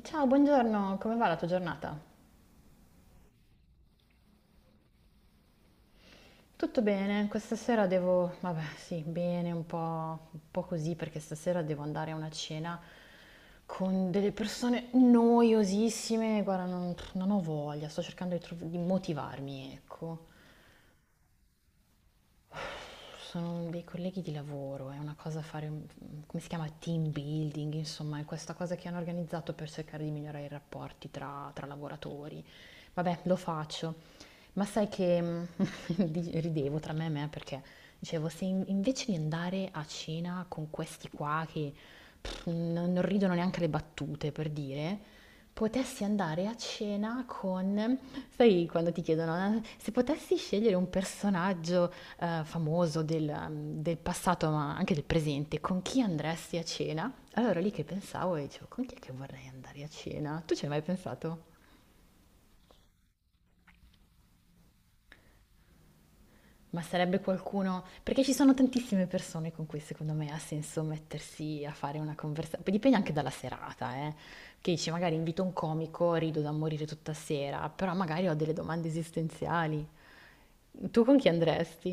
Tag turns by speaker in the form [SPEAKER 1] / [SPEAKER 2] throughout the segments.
[SPEAKER 1] Ciao, buongiorno, come va la tua giornata? Tutto bene, questa sera devo, vabbè, sì, bene, un po' così, perché stasera devo andare a una cena con delle persone noiosissime, guarda, non ho voglia, sto cercando di, di motivarmi, ecco. Sono dei colleghi di lavoro, è una cosa fare, come si chiama, team building, insomma, è questa cosa che hanno organizzato per cercare di migliorare i rapporti tra lavoratori. Vabbè, lo faccio. Ma sai che ridevo tra me e me perché dicevo, se invece di andare a cena con questi qua che pff, non ridono neanche le battute, per dire, potessi andare a cena con, sai, quando ti chiedono, se potessi scegliere un personaggio famoso del, del passato, ma anche del presente, con chi andresti a cena? Allora lì che pensavo e dicevo, con chi è che vorrei andare a cena? Tu ci hai mai pensato? Ma sarebbe qualcuno, perché ci sono tantissime persone con cui secondo me ha senso mettersi a fare una conversazione, poi dipende anche dalla serata, eh. Che dici, magari invito un comico, rido da morire tutta sera, però magari ho delle domande esistenziali. Tu con chi andresti?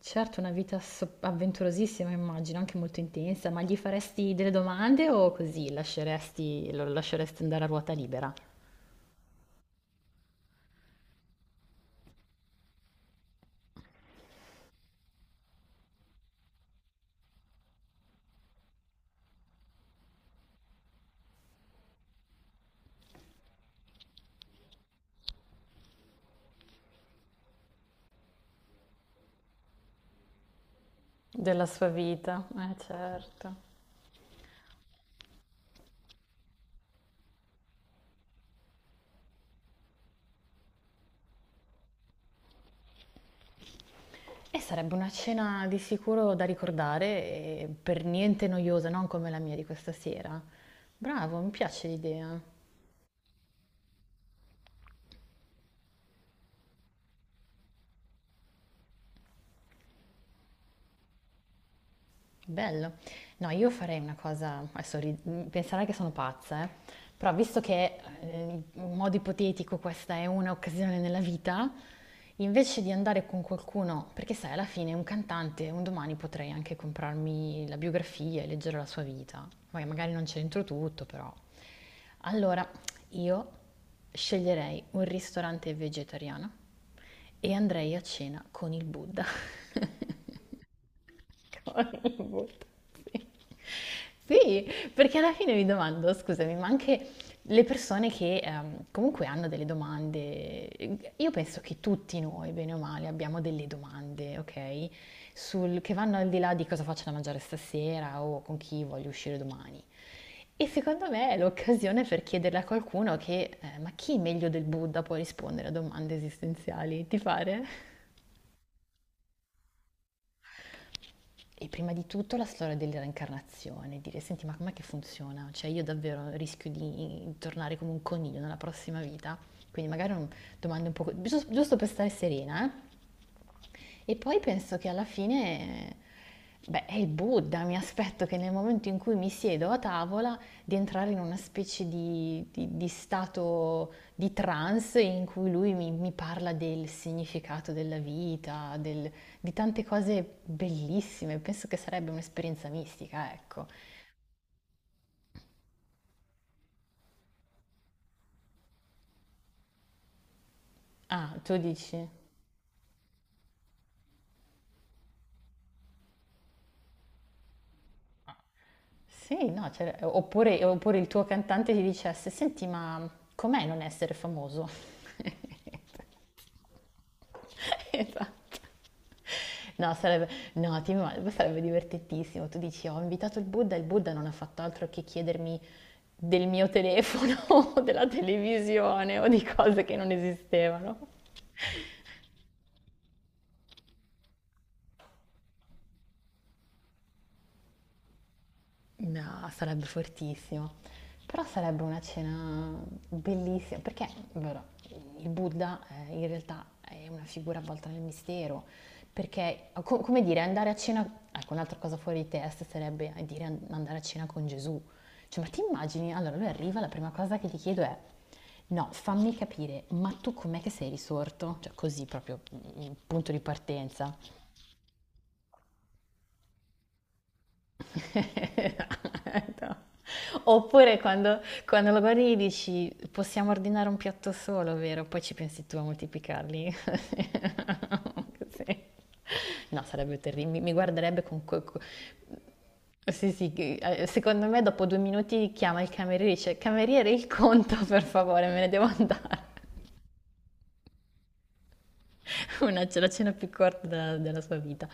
[SPEAKER 1] Certo, una vita avventurosissima, immagino, anche molto intensa, ma gli faresti delle domande o così lo lasceresti andare a ruota libera? Della sua vita. Certo. E sarebbe una cena di sicuro da ricordare e per niente noiosa, non come la mia di questa sera. Bravo, mi piace l'idea. Bello. No, io farei una cosa, adesso penserai che sono pazza, eh. Però visto che in modo ipotetico questa è un'occasione nella vita, invece di andare con qualcuno, perché sai, alla fine un cantante, un domani potrei anche comprarmi la biografia e leggere la sua vita. Poi magari non c'entro tutto, però. Allora, io sceglierei un ristorante vegetariano e andrei a cena con il Buddha. Sì. Sì, perché alla fine mi domando, scusami, ma anche le persone che comunque hanno delle domande, io penso che tutti noi, bene o male, abbiamo delle domande, ok? Sul, che vanno al di là di cosa faccio da mangiare stasera o con chi voglio uscire domani. E secondo me è l'occasione per chiederle a qualcuno che, ma chi meglio del Buddha può rispondere a domande esistenziali? Ti pare? E prima di tutto la storia della reincarnazione, dire senti ma com'è che funziona? Cioè io davvero rischio di tornare come un coniglio nella prossima vita? Quindi magari un, domande un po', giusto, giusto per stare serena, eh? E poi penso che alla fine, beh, è il Buddha, mi aspetto che nel momento in cui mi siedo a tavola di entrare in una specie di, di stato di trance in cui lui mi parla del significato della vita, di tante cose bellissime. Penso che sarebbe un'esperienza mistica, ecco. Ah, tu dici? Sì, no, cioè, oppure il tuo cantante ti dicesse, senti, ma com'è non essere famoso? Esatto. No, sarebbe, no, sarebbe divertentissimo. Tu dici, ho invitato il Buddha non ha fatto altro che chiedermi del mio telefono, o della televisione o di cose che non esistevano. No, sarebbe fortissimo. Però sarebbe una cena bellissima, perché vero, il Buddha in realtà è una figura avvolta nel mistero, perché come dire, andare a cena, ecco un'altra cosa fuori di testa sarebbe dire andare a cena con Gesù. Cioè, ma ti immagini? Allora lui arriva, la prima cosa che gli chiedo è, no, fammi capire, ma tu com'è che sei risorto? Cioè così proprio, punto di partenza. No. Oppure quando lo guardi gli dici possiamo ordinare un piatto solo, vero? Poi ci pensi tu a moltiplicarli. Così. No, sarebbe terribile, mi guarderebbe con... Sì, sì, secondo me dopo 2 minuti chiama il cameriere e dice cameriere il conto per favore, me ne devo andare. Una, la cena più corta della, della sua vita.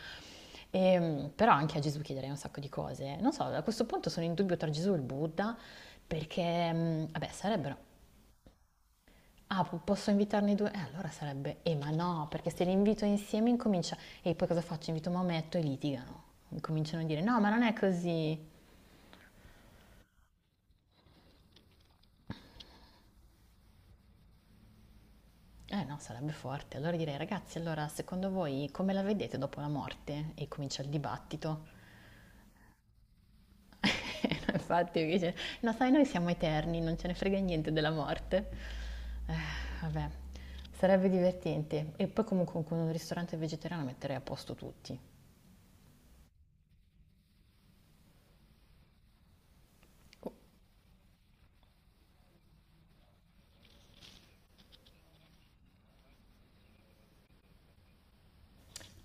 [SPEAKER 1] Però anche a Gesù chiederei un sacco di cose. Non so, a questo punto sono in dubbio tra Gesù e il Buddha, perché, vabbè, sarebbero... Ah, posso invitarne due? Allora sarebbe... ma no, perché se li invito insieme incomincia... E poi cosa faccio? Invito Maometto e litigano. Cominciano a dire, no, ma non è così. Eh no, sarebbe forte. Allora direi, ragazzi, allora secondo voi come la vedete dopo la morte? E comincia il dibattito. Infatti, perché dice, no, sai, noi siamo eterni, non ce ne frega niente della morte. Eh, vabbè, sarebbe divertente. E poi comunque con un ristorante vegetariano metterei a posto tutti.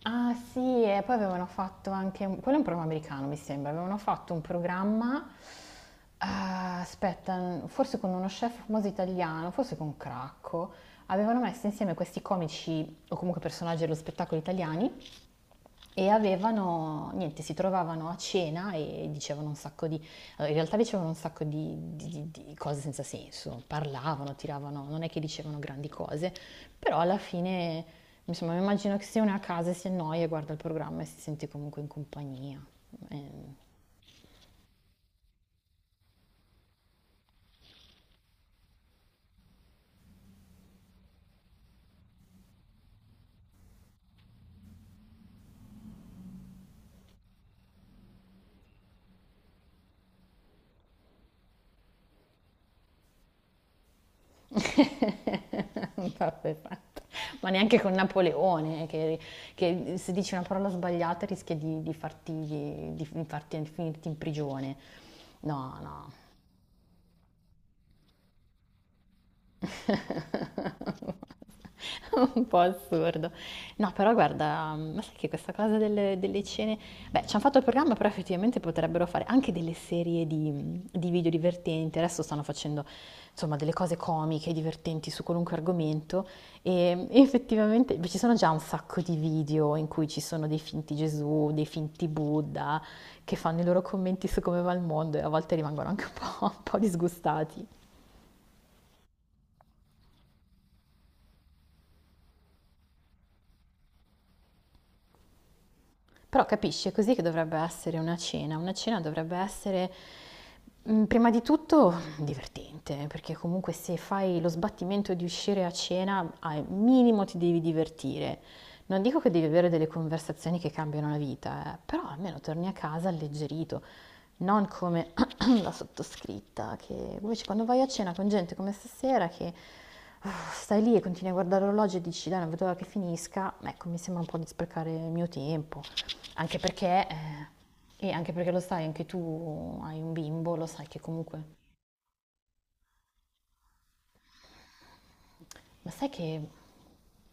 [SPEAKER 1] Ah sì, e poi avevano fatto anche, quello è un programma americano mi sembra, avevano fatto un programma, ah, aspetta, forse con uno chef famoso italiano, forse con Cracco, avevano messo insieme questi comici o comunque personaggi dello spettacolo italiani. E avevano, niente, si trovavano a cena e dicevano un sacco di, in realtà dicevano un sacco di, di cose senza senso, parlavano, tiravano, non è che dicevano grandi cose, però alla fine, insomma, mi immagino che se uno è a casa e si annoia, guarda il programma e si sente comunque in compagnia. Eh, vabbè, fatta. Ma neanche con Napoleone, che se dici una parola sbagliata rischia di farti, di finirti in prigione. No, no, un po' assurdo. No, però guarda, ma sai che questa cosa delle, delle cene... Beh, ci hanno fatto il programma, però effettivamente potrebbero fare anche delle serie di video divertenti. Adesso stanno facendo, insomma, delle cose comiche, divertenti su qualunque argomento. E effettivamente, beh, ci sono già un sacco di video in cui ci sono dei finti Gesù, dei finti Buddha, che fanno i loro commenti su come va il mondo e a volte rimangono anche un po', un po' disgustati. Però capisci, è così che dovrebbe essere una cena. Una cena dovrebbe essere prima di tutto divertente, perché comunque se fai lo sbattimento di uscire a cena, al minimo ti devi divertire. Non dico che devi avere delle conversazioni che cambiano la vita, però almeno torni a casa alleggerito, non come la sottoscritta, che invece quando vai a cena con gente come stasera che stai lì e continui a guardare l'orologio e dici dai non vedo l'ora che finisca, ecco mi sembra un po' di sprecare il mio tempo, anche perché, e anche perché lo sai, anche tu hai un bimbo, lo sai che comunque. Ma sai che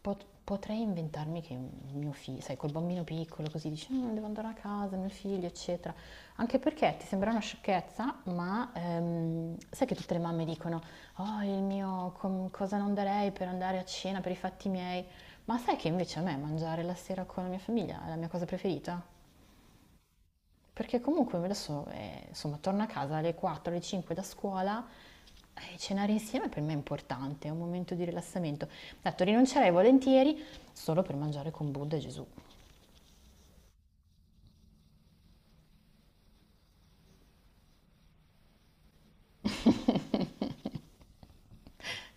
[SPEAKER 1] potrei inventarmi che mio figlio, sai, col bambino piccolo così dice, "Mm, devo andare a casa, mio figlio, eccetera. Anche perché ti sembra una sciocchezza, ma sai che tutte le mamme dicono, oh, il mio, cosa non darei per andare a cena, per i fatti miei. Ma sai che invece a me mangiare la sera con la mia famiglia è la mia cosa preferita? Perché comunque adesso, insomma, torno a casa alle 4, alle 5 da scuola, cenare insieme per me è importante, è un momento di rilassamento. Detto, rinuncerei volentieri solo per mangiare con Buddha e Gesù.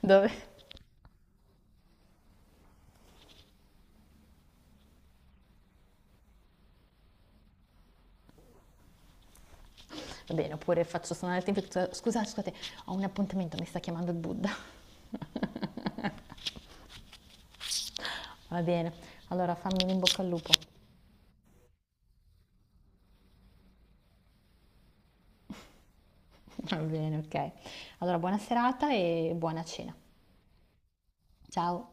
[SPEAKER 1] Dove? Va bene, oppure faccio suonare il tempio, scusate, scusate, ho un appuntamento, mi sta chiamando il Buddha. Va bene, allora fammi un in bocca al lupo. Va bene, ok. Allora, buona serata e buona cena. Ciao.